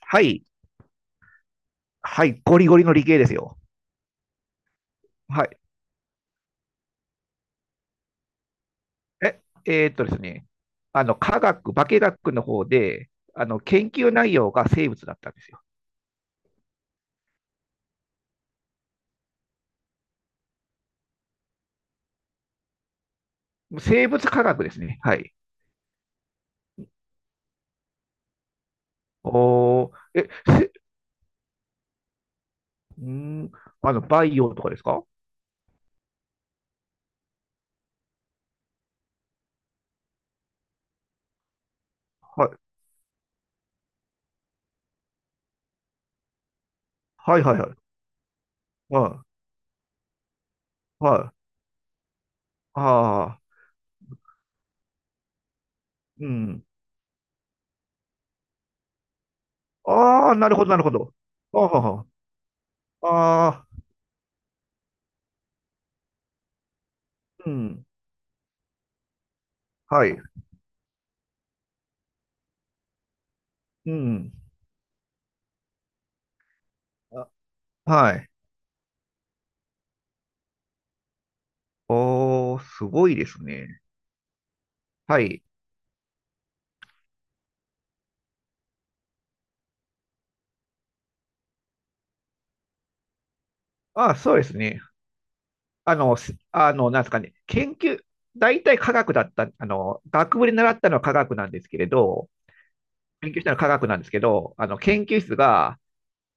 はい、はい、ゴリゴリの理系ですよ。はい。え、ですね、あの、科学、化学の方で、研究内容が生物だったんですよ。生物科学ですね。はい。おー、え、せ、んーん、あの、バイオとかですか？はい、はい、はい、はい。はい、はい。ああ、うん。ああ、なるほど、なるほど。ああ、ああ、うん。はい。うん。あはい。おー、すごいですね。はい。ああ、そうですね。あの、すあの、なんですかね、研究、大体科学だった、学部で習ったのは科学なんですけれど、勉強したのは科学なんですけど、研究室が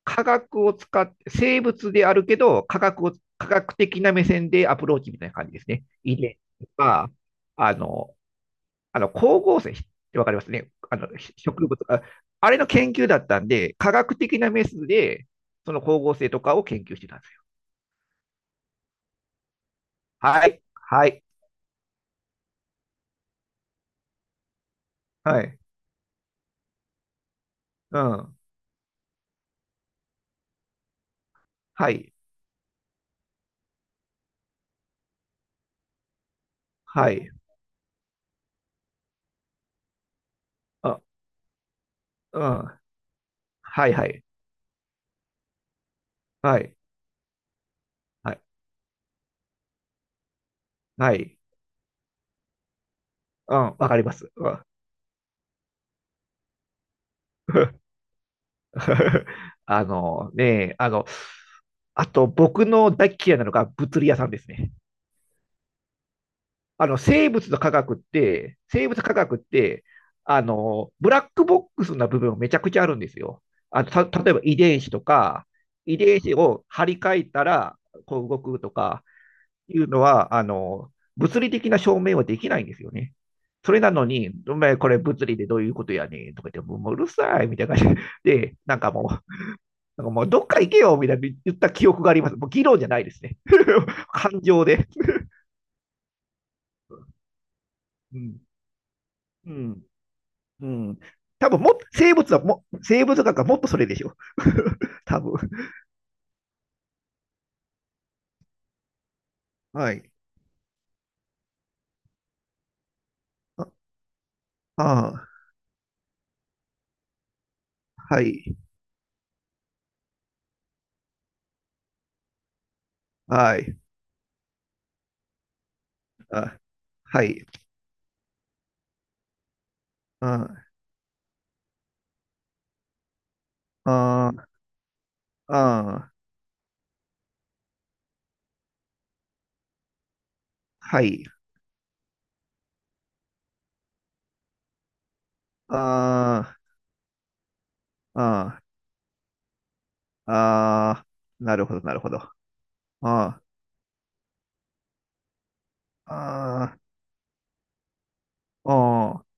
科学を使って、生物であるけど、科学を、科学的な目線でアプローチみたいな感じですね。遺伝とか、あの、光合成ってわかりますね。植物あ、あれの研究だったんで、科学的なメスで、その光合成とかを研究してたんですよ。はい。はい。はい。うん。はい。はい。あ、うん。はいはい。はい。はい。はい。うん。わかります。うん。 あのね、あの、あと僕の大嫌いなのが物理屋さんですね。あの、生物の科学って、生物科学って、あの、ブラックボックスな部分めちゃくちゃあるんですよ。例えば遺伝子とか、遺伝子を張り替えたら、こう動くとか、いうのは、あの、物理的な証明はできないんですよね。それなのに、お前これ物理でどういうことやねんとか言って、もううるさいみたいな感じで、なんかもう、なんかもうどっか行けよみたいな言った記憶があります。もう議論じゃないですね。感情で。うん。うん。うん。多分も生物はも、生物学はもっとそれでしょ。多分。はい。あ、あー、はい。はい。あ、はい。あ、あー、あー、はい。あ、ああー、なるほど、なるほど。ああ、ああ、ああ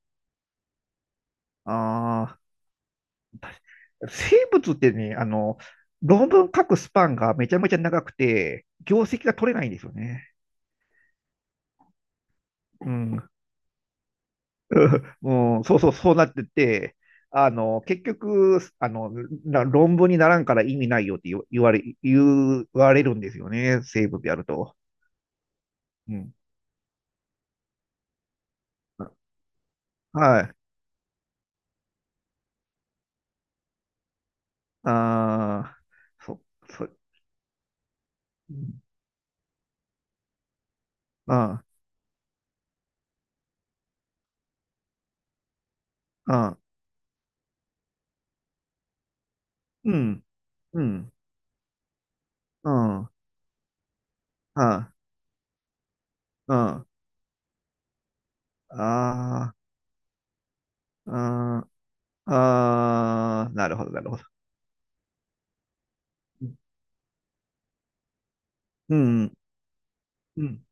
ああ、生物ってね、あの、論文書くスパンがめちゃめちゃ長くて、業績が取れないんですよね。うん。もうん、そうそう、そうなってて、あの、結局、あの、な論文にならんから意味ないよって言われるんですよね、生物やると。うん。はい。ああ、そ、そ、うん。ああ、ああ、うん、うん。うん、うん、うん、ああ、うん、ああ、なるほど、なるほど。うん、うん、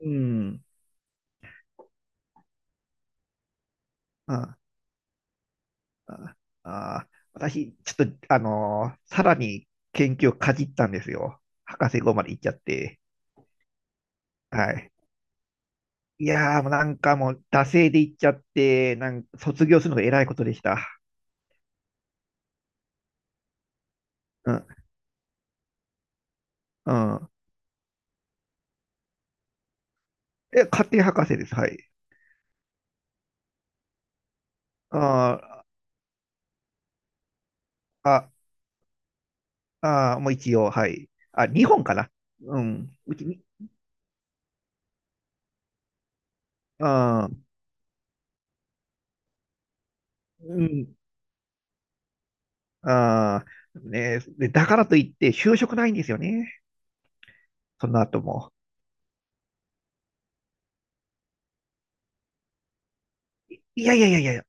うん、ああ、あ、私、ちょっと、あのーさらに研究をかじったんですよ。博士号まで行っちゃって。はい。いやー、もうなんかもう、惰性で行っちゃって、なんか卒業するのが偉いことでした。うん、うん。え、家庭博士です。はい。あー、あ、あー、もう一応、はい。あ、日本かな。うん。うち、ああ、うん、ああ、ねで、だからといって、就職ないんですよね、その後も。いやいやいやいや、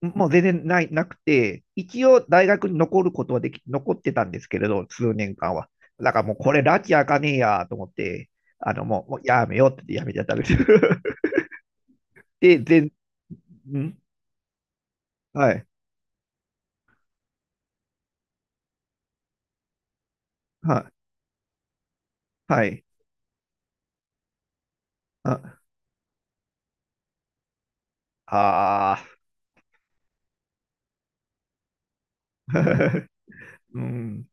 もう全然ない、なくて、一応大学に残ることはでき、残ってたんですけれど、数年間は。だからもうこれ、拉致あかねえやと思って、あの、もう、もうやめようってやめちゃったんですよ。で、全、ん、はい、はい、はい、あ、ああ、うん、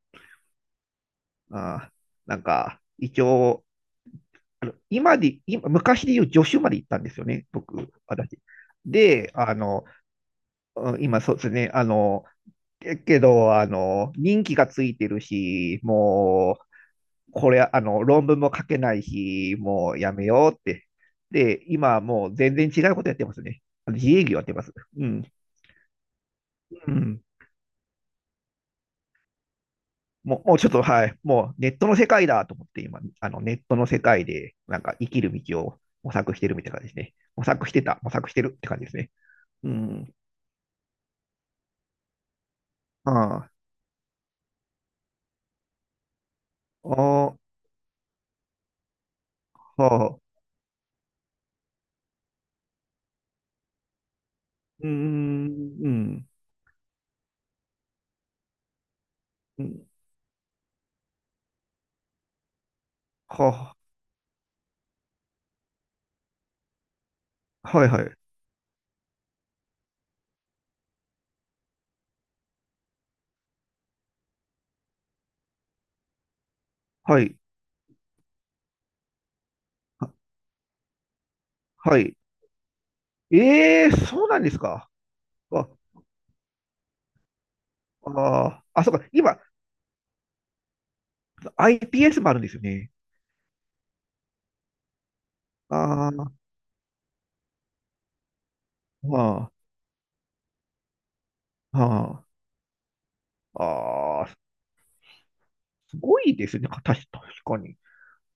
あ、なんか、一応、あの今で、今、昔で言う助手まで行ったんですよね、僕、私。で、あの、うん、今、そうですね、あの、けけど、あの、任期がついてるし、もう、これ、あの、論文も書けないし、もうやめようって。で、今、もう全然違うことやってますね。あの自営業やってます。うん。うん、もう、もうちょっと、はい、もうネットの世界だと思って、今、あのネットの世界で、なんか生きる道を模索してるみたいな感じですね。模索してた、模索してるって感じですね。うん。ああ、ああ、はあ、うーん、うん、うん、はあ、はい、はい、はい、は、はい。ええ、そうなんですか？あ、ああ、あ、そうか、今、IPS もあるんですよね。ああ、はあ、はあ、ああ、すごいですね、確かに。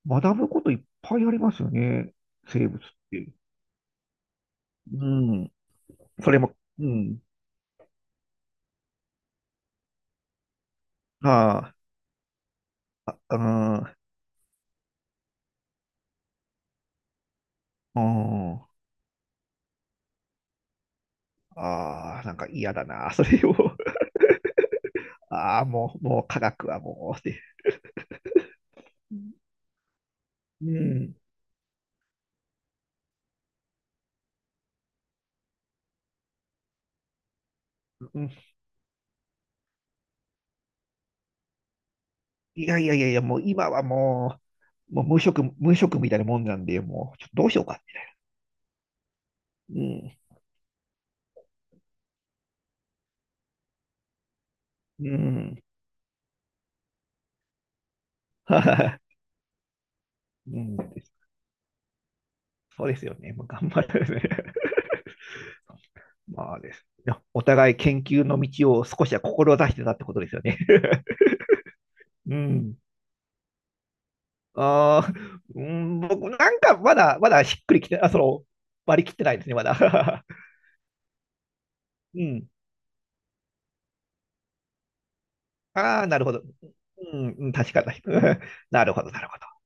学ぶこといっぱいありますよね。生物って。うん。それも、うん。ああ、ああ、うん。ああ、なんか嫌だな。それを、ああ、もう、もう科学はもう、って。うん。うん、いやいやいやいや、もう今はもう無職、無職みたいなもんなんで、もう、ちょっとどうしようかって。うん。うん。ははは うん。そうですよね。もう頑張るね。まあです。お互い研究の道を少しは志してたってことですよね。うん。ああ、うん、僕なんかまだ、まだしっくりきて、あ、その、割り切ってないですね、まだ。うん。ああ、なるほど。うん、確かに。なるほど、なるほど。